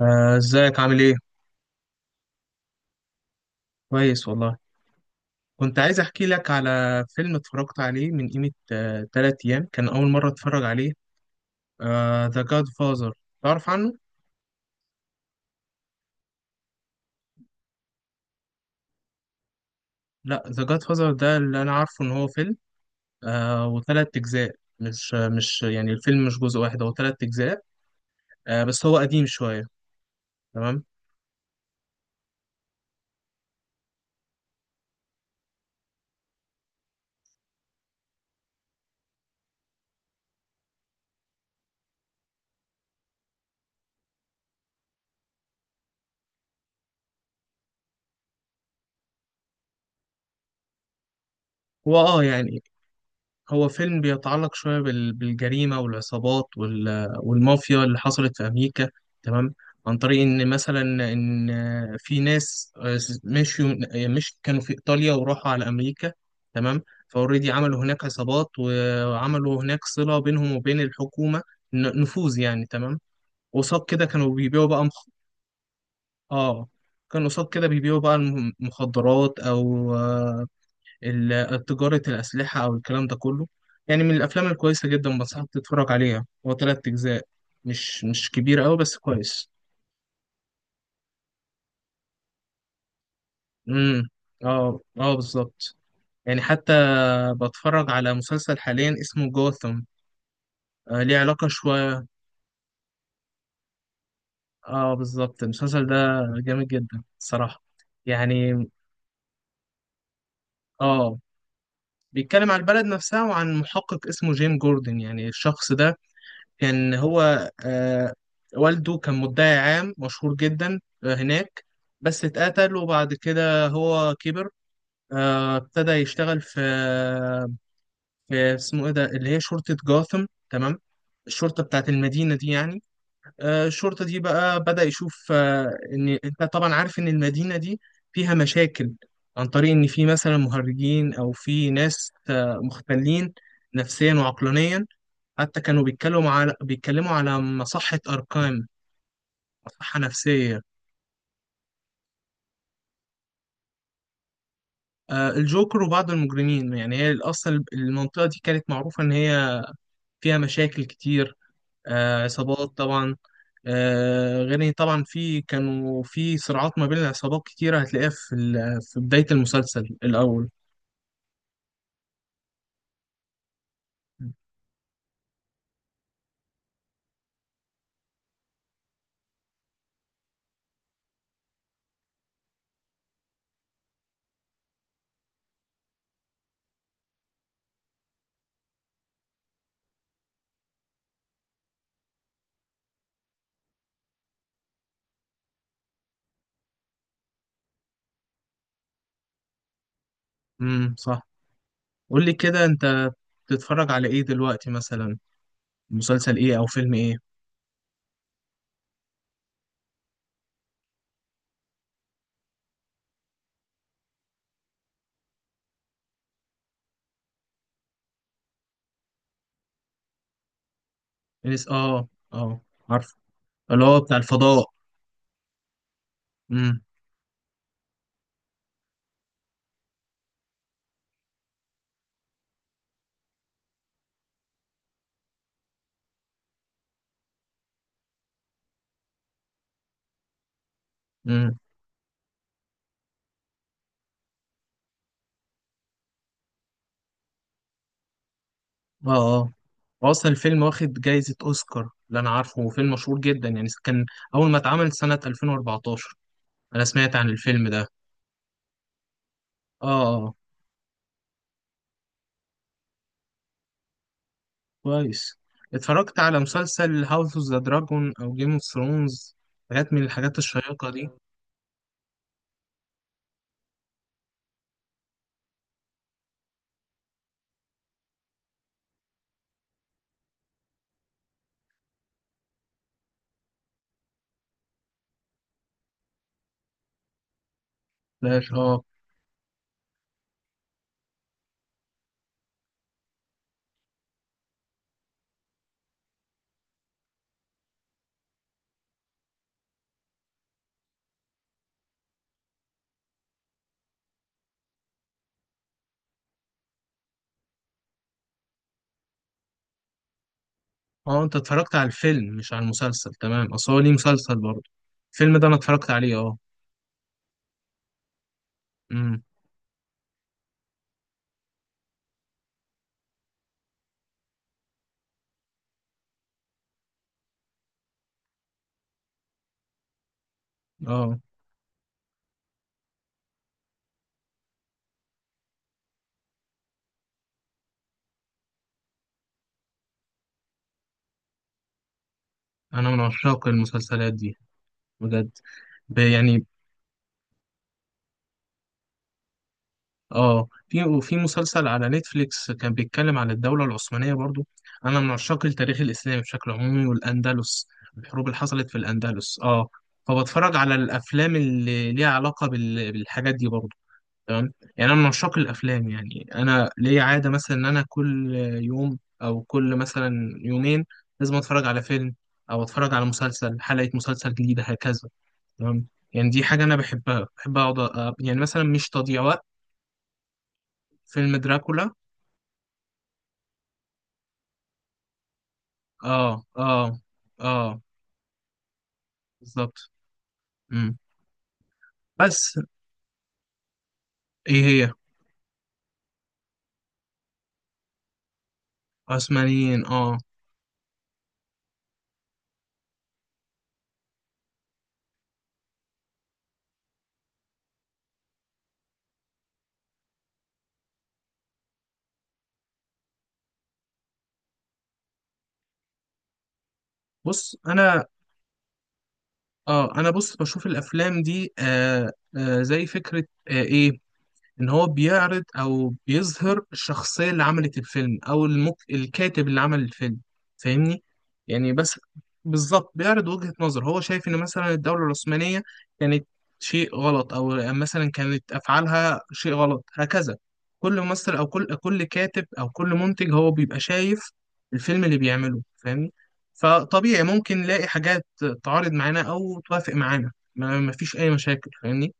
ازيك عامل ايه؟ كويس والله. كنت عايز احكي لك على فيلم اتفرجت عليه من قيمة 3 ايام، كان اول مرة اتفرج عليه. ذا جاد فازر، تعرف عنه؟ لا، ذا جاد فازر ده اللي انا عارفه ان هو فيلم. وتلات اجزاء، مش يعني الفيلم مش جزء واحد، هو تلات اجزاء. بس هو قديم شوية. تمام؟ هو يعني هو فيلم بيتعلق شوية بالجريمة والعصابات والمافيا اللي حصلت في أمريكا. تمام. عن طريق إن مثلا إن في ناس مشيوا، مش كانوا في إيطاليا وراحوا على أمريكا. تمام. فأوريدي عملوا هناك عصابات وعملوا هناك صلة بينهم وبين الحكومة، نفوذ يعني. تمام. قصاد كده كانوا بيبيعوا بقى آه كانوا قصاد كده بيبيعوا بقى المخدرات أو تجارة الأسلحة أو الكلام ده كله. يعني من الأفلام الكويسة جدا، بنصحك تتفرج عليها. هو تلات أجزاء، مش كبير أوي بس كويس. امم اه اه، بالظبط. يعني حتى بتفرج على مسلسل حاليا اسمه جوثم. ليه علاقة شوية. اه، بالظبط، المسلسل ده جامد جدا الصراحة. يعني اه بيتكلم عن البلد نفسها وعن محقق اسمه جيم جوردن. يعني الشخص ده كان هو، والده كان مدعي عام مشهور جدا هناك. بس اتقتل وبعد كده هو كبر. ابتدى يشتغل في اسمه ايه ده، اللي هي شرطة جاثم. تمام. الشرطة بتاعت المدينة دي يعني. الشرطة دي بقى بدأ يشوف إن أنت طبعا عارف إن المدينة دي فيها مشاكل. عن طريق إن في مثلا مهرجين أو في ناس مختلين نفسيا وعقلانيا. حتى كانوا بيتكلموا على مصحة أركام. مصحة نفسية. الجوكر وبعض المجرمين. يعني هي أصلا المنطقة دي كانت معروفة إن هي فيها مشاكل كتير. عصابات طبعا. غير إن طبعا في كانوا في صراعات ما بين العصابات كتيرة، هتلاقيها في في بداية المسلسل الأول. صح. قول لي كده أنت بتتفرج على إيه دلوقتي مثلا؟ مسلسل إيه أو فيلم إيه؟ آه آه، عارف. اللي هو بتاع الفضاء. امم. امم. آه آه. هو اصلا الفيلم واخد جايزة اوسكار. اللي انا عارفه هو فيلم مشهور جدا، يعني كان اول ما اتعمل سنة 2014. انا سمعت عن الفيلم ده. اه، آه، كويس. اتفرجت على مسلسل هاوس اوف ذا دراجون او جيم اوف ثرونز؟ حاجات من الحاجات الشيقة دي. فلاش، اه. اه، انت اتفرجت على الفيلم مش على المسلسل. تمام، اصل هو ليه مسلسل برضه. الفيلم ده انا اتفرجت عليه. اه. امم. اه، انا من عشاق المسلسلات دي بجد. يعني اه، في وفي مسلسل على نتفليكس كان بيتكلم عن الدولة العثمانية برضو. انا من عشاق التاريخ الاسلامي بشكل عمومي والاندلس، الحروب اللي حصلت في الاندلس، اه. فبتفرج على الافلام اللي ليها علاقة بالحاجات دي برضو. تمام. يعني انا من عشاق الافلام. يعني انا ليا عادة مثلا ان انا كل يوم او كل مثلا يومين لازم اتفرج على فيلم او اتفرج على مسلسل، حلقة مسلسل جديدة، هكذا. تمام. يعني دي حاجة انا بحبها، بحب اقعد يعني مثلا مش تضييع وقت. فيلم دراكولا؟ اه اه اه، بالظبط. امم. بس ايه هي؟ عثمانيين، اه. بص انا بص بشوف الافلام دي. زي فكره، ايه، ان هو بيعرض او بيظهر الشخصيه اللي عملت الفيلم او الكاتب اللي عمل الفيلم. فاهمني؟ يعني بس بالظبط بيعرض وجهه نظر. هو شايف ان مثلا الدوله العثمانيه كانت شيء غلط، او مثلا كانت افعالها شيء غلط هكذا. كل ممثل او كل كاتب او كل منتج هو بيبقى شايف الفيلم اللي بيعمله، فاهمني؟ فطبيعي ممكن نلاقي حاجات تعارض معانا او توافق معانا. ما فيش اي مشاكل، فاهمني؟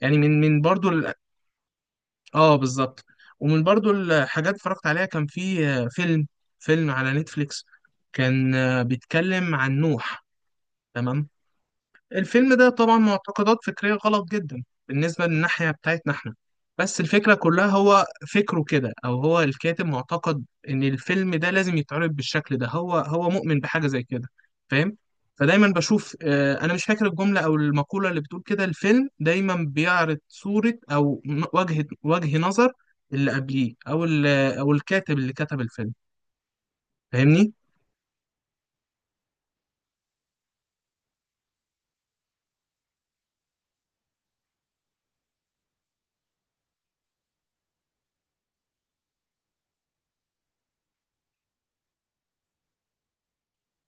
يعني من برضو. اه بالظبط. ومن برضو الحاجات اتفرجت عليها، كان في فيلم على نتفليكس، كان بيتكلم عن نوح. تمام. الفيلم ده طبعا معتقدات فكرية غلط جدا بالنسبة للناحية بتاعتنا احنا. بس الفكرة كلها هو فكره كده، أو هو الكاتب معتقد إن الفيلم ده لازم يتعرض بالشكل ده. هو مؤمن بحاجة زي كده، فاهم؟ فدايما بشوف، أنا مش فاكر الجملة أو المقولة اللي بتقول كده. الفيلم دايما بيعرض صورة أو وجه نظر اللي قبليه أو أو الكاتب اللي كتب الفيلم، فاهمني؟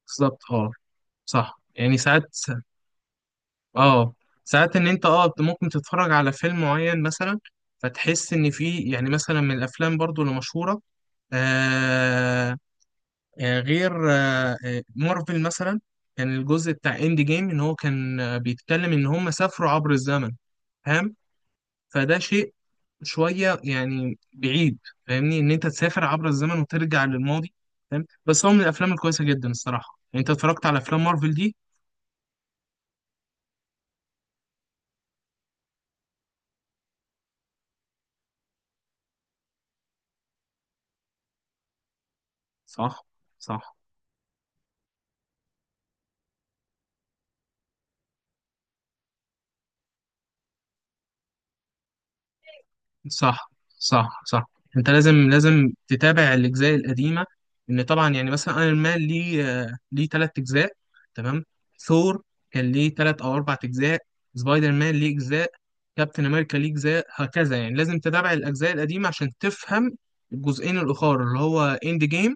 بالظبط، أه. صح، يعني اه ساعات ان انت ممكن تتفرج على فيلم معين مثلا، فتحس ان في، يعني مثلا من الافلام برضو اللي مشهوره، آه غير مارفل مثلا، كان الجزء بتاع اند جيم ان هو كان بيتكلم ان هم سافروا عبر الزمن، فاهم؟ فده شيء شويه يعني بعيد، فاهمني؟ ان انت تسافر عبر الزمن وترجع للماضي، فاهم. بس هو من الافلام الكويسه جدا الصراحه. يعني انت اتفرجت على افلام مارفل دي؟ صح صح صح. صح. صح. انت لازم تتابع الاجزاء القديمه. ان طبعا يعني مثلا ايرون مان ليه ثلاث اجزاء. تمام. ثور كان ليه ثلاث او اربع اجزاء. سبايدر مان ليه اجزاء، كابتن امريكا ليه اجزاء، هكذا. يعني لازم تتابع الاجزاء القديمه عشان تفهم الجزئين الاخر اللي هو اند جيم،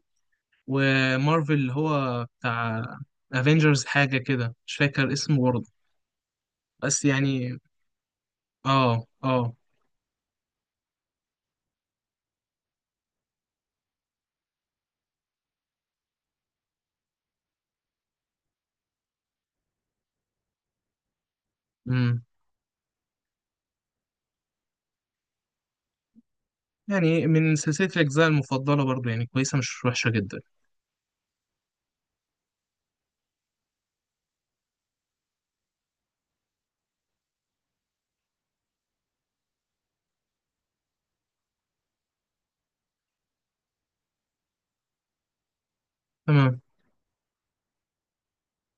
ومارفل اللي هو بتاع افنجرز، حاجه كده مش فاكر اسمه برضه. بس يعني اه اه. يعني من سلسلة الأجزاء المفضلة برضو، يعني كويسة مش وحشة جدا. تمام